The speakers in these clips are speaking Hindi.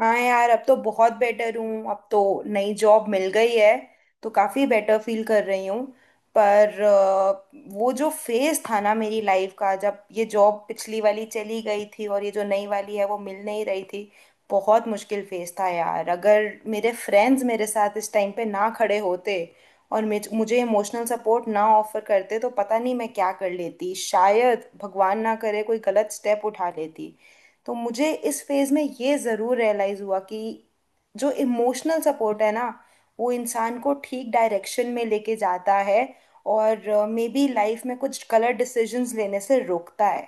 हाँ यार, अब तो बहुत बेटर हूँ। अब तो नई जॉब मिल गई है, तो काफ़ी बेटर फील कर रही हूँ। पर वो जो फेज था ना मेरी लाइफ का, जब ये जॉब पिछली वाली चली गई थी और ये जो नई वाली है वो मिल नहीं रही थी, बहुत मुश्किल फेज था यार। अगर मेरे फ्रेंड्स मेरे साथ इस टाइम पे ना खड़े होते और मुझे इमोशनल सपोर्ट ना ऑफर करते, तो पता नहीं मैं क्या कर लेती, शायद भगवान ना करे कोई गलत स्टेप उठा लेती। तो मुझे इस फेज में ये ज़रूर रियलाइज़ हुआ कि जो इमोशनल सपोर्ट है ना, वो इंसान को ठीक डायरेक्शन में लेके जाता है और मे बी लाइफ में कुछ गलत डिसीजंस लेने से रोकता है।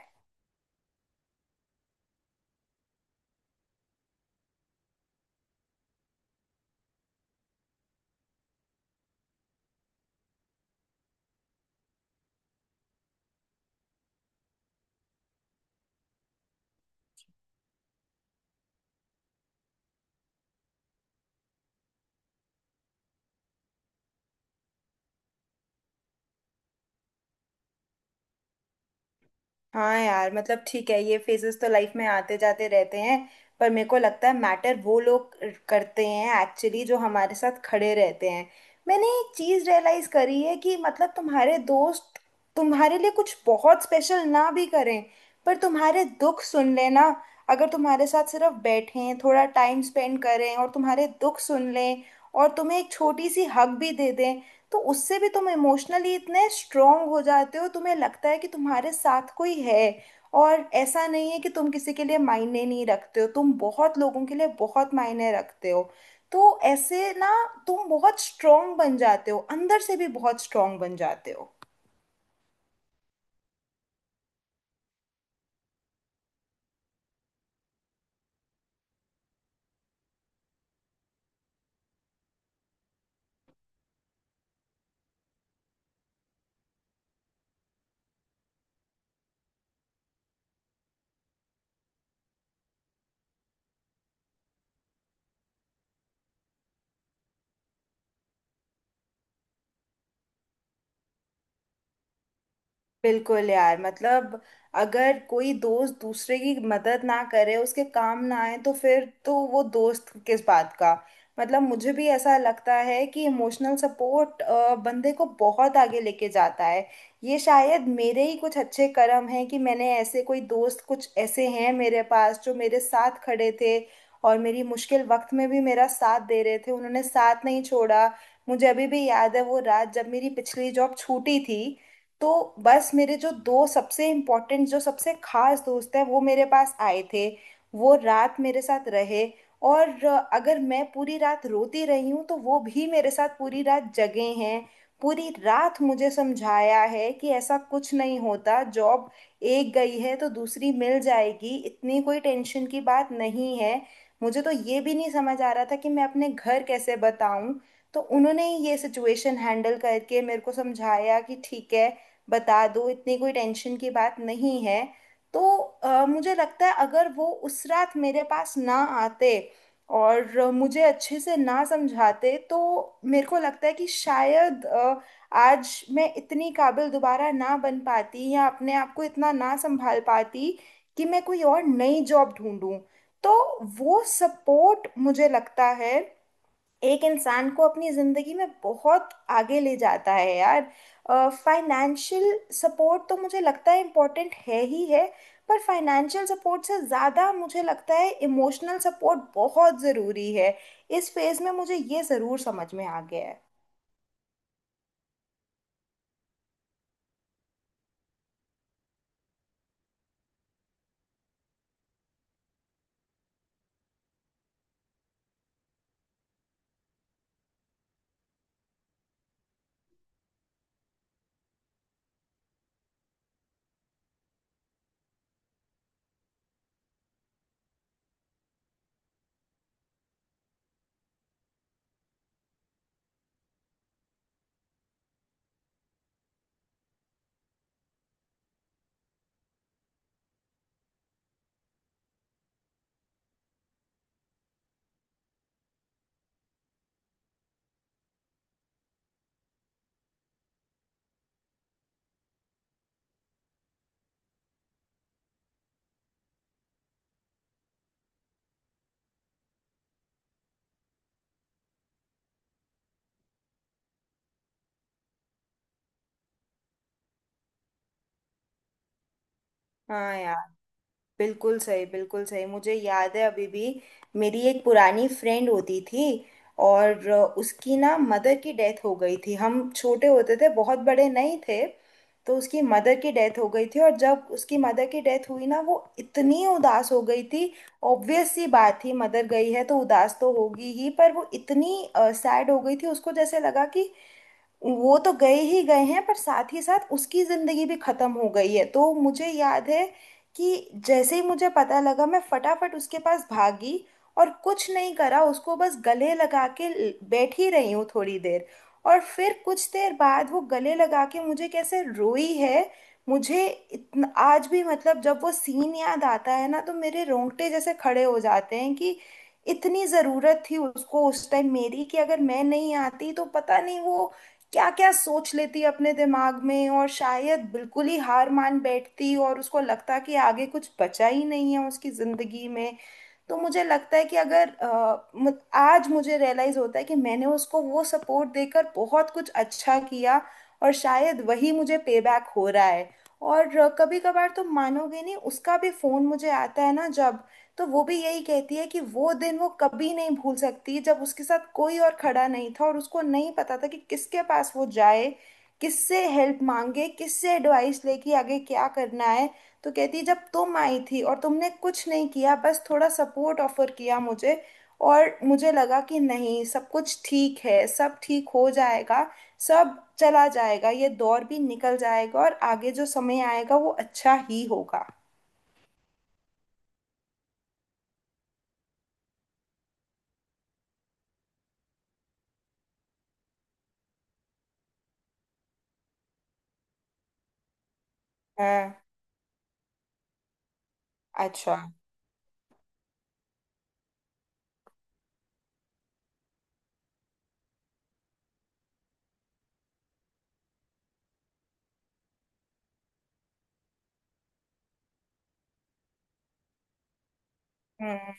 हाँ यार, मतलब ठीक है, ये फेजेस तो लाइफ में आते जाते रहते हैं। पर मेरे को लगता है मैटर वो लोग करते हैं एक्चुअली जो हमारे साथ खड़े रहते हैं। मैंने एक चीज रियलाइज करी है कि मतलब तुम्हारे दोस्त तुम्हारे लिए कुछ बहुत स्पेशल ना भी करें, पर तुम्हारे दुख सुन लेना, अगर तुम्हारे साथ सिर्फ बैठें थोड़ा टाइम स्पेंड करें और तुम्हारे दुख सुन लें और तुम्हें एक छोटी सी हक भी दे दें, तो उससे भी तुम इमोशनली इतने स्ट्रांग हो जाते हो, तुम्हें लगता है कि तुम्हारे साथ कोई है और ऐसा नहीं है कि तुम किसी के लिए मायने नहीं रखते हो, तुम बहुत लोगों के लिए बहुत मायने रखते हो। तो ऐसे ना तुम बहुत स्ट्रांग बन जाते हो, अंदर से भी बहुत स्ट्रांग बन जाते हो। बिल्कुल यार, मतलब अगर कोई दोस्त दूसरे की मदद ना करे, उसके काम ना आए, तो फिर तो वो दोस्त किस बात का। मतलब मुझे भी ऐसा लगता है कि इमोशनल सपोर्ट बंदे को बहुत आगे लेके जाता है। ये शायद मेरे ही कुछ अच्छे कर्म हैं कि मैंने ऐसे कोई दोस्त, कुछ ऐसे हैं मेरे पास जो मेरे साथ खड़े थे और मेरी मुश्किल वक्त में भी मेरा साथ दे रहे थे, उन्होंने साथ नहीं छोड़ा। मुझे अभी भी याद है वो रात जब मेरी पिछली जॉब छूटी थी, तो बस मेरे जो दो सबसे इम्पोर्टेंट, जो सबसे खास दोस्त हैं, वो मेरे पास आए थे, वो रात मेरे साथ रहे। और अगर मैं पूरी रात रोती रही हूँ, तो वो भी मेरे साथ पूरी रात जगे हैं। पूरी रात मुझे समझाया है कि ऐसा कुछ नहीं होता, जॉब एक गई है तो दूसरी मिल जाएगी, इतनी कोई टेंशन की बात नहीं है। मुझे तो ये भी नहीं समझ आ रहा था कि मैं अपने घर कैसे बताऊं, तो उन्होंने ही ये सिचुएशन हैंडल करके मेरे को समझाया कि ठीक है, बता दो, इतनी कोई टेंशन की बात नहीं है। तो मुझे लगता है अगर वो उस रात मेरे पास ना आते और मुझे अच्छे से ना समझाते, तो मेरे को लगता है कि शायद आज मैं इतनी काबिल दोबारा ना बन पाती या अपने आप को इतना ना संभाल पाती कि मैं कोई और नई जॉब ढूंढूं। तो वो सपोर्ट मुझे लगता है एक इंसान को अपनी जिंदगी में बहुत आगे ले जाता है यार। फाइनेंशियल सपोर्ट तो मुझे लगता है इम्पोर्टेंट है ही है, पर फाइनेंशियल सपोर्ट से ज़्यादा मुझे लगता है इमोशनल सपोर्ट बहुत ज़रूरी है। इस फेज में मुझे ये ज़रूर समझ में आ गया है। हाँ यार, बिल्कुल सही, बिल्कुल सही। मुझे याद है अभी भी, मेरी एक पुरानी फ्रेंड होती थी और उसकी ना मदर की डेथ हो गई थी, हम छोटे होते थे, बहुत बड़े नहीं थे। तो उसकी मदर की डेथ हो गई थी, और जब उसकी मदर की डेथ हुई ना, वो इतनी उदास हो गई थी। ऑब्वियस सी बात थी, मदर गई है तो उदास तो होगी ही, पर वो इतनी सैड हो गई थी, उसको जैसे लगा कि वो तो गए ही गए हैं, पर साथ ही साथ उसकी जिंदगी भी खत्म हो गई है। तो मुझे याद है कि जैसे ही मुझे पता लगा, मैं फटाफट उसके पास भागी और कुछ नहीं करा, उसको बस गले लगा के बैठ ही रही हूँ थोड़ी देर, और फिर कुछ देर बाद वो गले लगा के मुझे कैसे रोई है। मुझे इतना आज भी, मतलब जब वो सीन याद आता है ना, तो मेरे रोंगटे जैसे खड़े हो जाते हैं कि इतनी ज़रूरत थी उसको उस टाइम मेरी, कि अगर मैं नहीं आती तो पता नहीं वो क्या क्या सोच लेती अपने दिमाग में, और शायद बिल्कुल ही हार मान बैठती और उसको लगता कि आगे कुछ बचा ही नहीं है उसकी जिंदगी में। तो मुझे लगता है कि अगर आज मुझे रियलाइज होता है कि मैंने उसको वो सपोर्ट देकर बहुत कुछ अच्छा किया, और शायद वही मुझे पे बैक हो रहा है। और कभी कभार, तो मानोगे नहीं, उसका भी फोन मुझे आता है ना जब, तो वो भी यही कहती है कि वो दिन वो कभी नहीं भूल सकती जब उसके साथ कोई और खड़ा नहीं था और उसको नहीं पता था कि किसके पास वो जाए, किससे हेल्प मांगे, किससे एडवाइस लेके आगे क्या करना है। तो कहती, जब तुम आई थी और तुमने कुछ नहीं किया, बस थोड़ा सपोर्ट ऑफर किया मुझे, और मुझे लगा कि नहीं, सब कुछ ठीक है, सब ठीक हो जाएगा, सब चला जाएगा, ये दौर भी निकल जाएगा और आगे जो समय आएगा वो अच्छा ही होगा। हाँ। अच्छा। हम्म।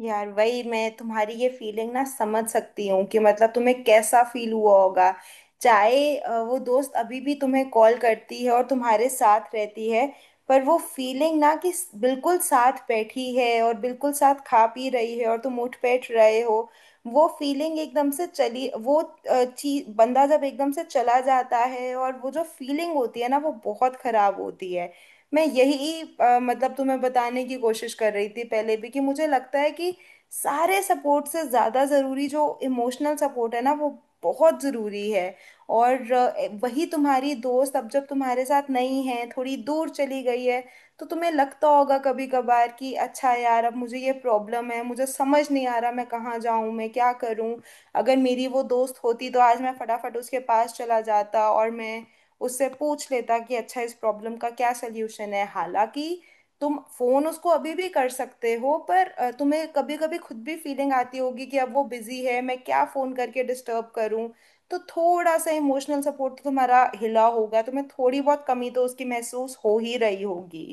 यार वही, मैं तुम्हारी ये फीलिंग ना समझ सकती हूँ कि मतलब तुम्हें कैसा फील हुआ होगा। चाहे वो दोस्त अभी भी तुम्हें कॉल करती है और तुम्हारे साथ रहती है, पर वो फीलिंग ना कि बिल्कुल साथ बैठी है और बिल्कुल साथ खा पी रही है और तुम उठ बैठ रहे हो, वो फीलिंग एकदम से चली। वो चीज, बंदा जब एकदम से चला जाता है और वो जो फीलिंग होती है ना, वो बहुत खराब होती है। मैं यही मतलब तुम्हें बताने की कोशिश कर रही थी पहले भी कि मुझे लगता है कि सारे सपोर्ट से ज़्यादा ज़रूरी जो इमोशनल सपोर्ट है ना, वो बहुत ज़रूरी है। और वही तुम्हारी दोस्त अब जब तुम्हारे साथ नहीं है, थोड़ी दूर चली गई है, तो तुम्हें लगता होगा कभी कभार कि अच्छा यार, अब मुझे ये प्रॉब्लम है, मुझे समझ नहीं आ रहा मैं कहाँ जाऊँ, मैं क्या करूँ। अगर मेरी वो दोस्त होती तो आज मैं फटाफट उसके पास चला जाता और मैं उससे पूछ लेता कि अच्छा, इस प्रॉब्लम का क्या सल्यूशन है। हालांकि तुम फोन उसको अभी भी कर सकते हो, पर तुम्हें कभी कभी खुद भी फीलिंग आती होगी कि अब वो बिजी है, मैं क्या फोन करके डिस्टर्ब करूं। तो थोड़ा सा इमोशनल सपोर्ट तो तुम्हारा हिला होगा, तुम्हें थोड़ी बहुत कमी तो उसकी महसूस हो ही रही होगी।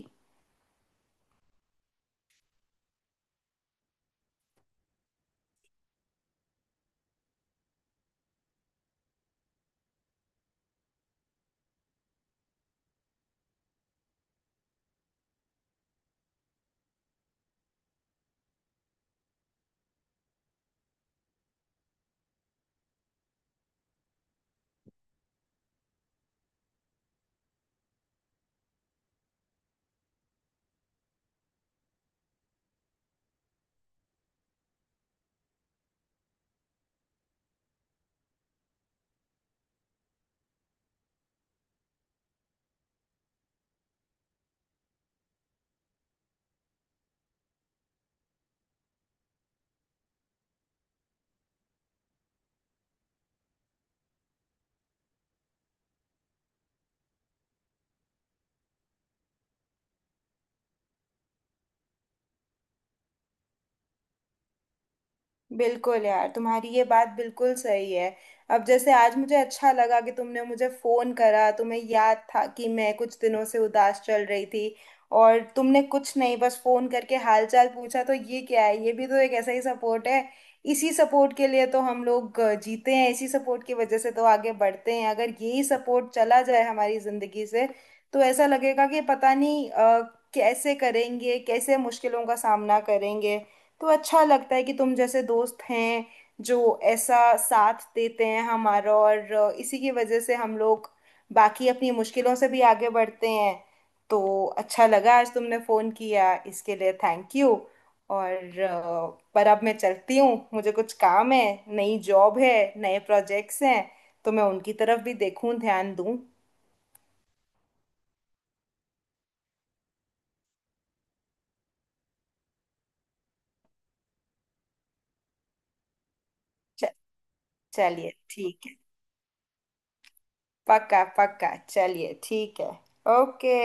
बिल्कुल यार, तुम्हारी ये बात बिल्कुल सही है। अब जैसे आज मुझे अच्छा लगा कि तुमने मुझे फोन करा, तुम्हें याद था कि मैं कुछ दिनों से उदास चल रही थी और तुमने कुछ नहीं बस फोन करके हालचाल पूछा, तो ये क्या है, ये भी तो एक ऐसा ही सपोर्ट है। इसी सपोर्ट के लिए तो हम लोग जीते हैं, इसी सपोर्ट की वजह से तो आगे बढ़ते हैं। अगर यही सपोर्ट चला जाए हमारी जिंदगी से, तो ऐसा लगेगा कि पता नहीं कैसे करेंगे, कैसे मुश्किलों का सामना करेंगे। तो अच्छा लगता है कि तुम जैसे दोस्त हैं जो ऐसा साथ देते हैं हमारा, और इसी की वजह से हम लोग बाकी अपनी मुश्किलों से भी आगे बढ़ते हैं। तो अच्छा लगा आज तुमने फ़ोन किया, इसके लिए थैंक यू। और पर अब मैं चलती हूँ, मुझे कुछ काम है, नई जॉब है, नए प्रोजेक्ट्स हैं, तो मैं उनकी तरफ भी देखूं, ध्यान दूं। च- चलिए ठीक है। पक्का पक्का, चलिए ठीक है। ओके।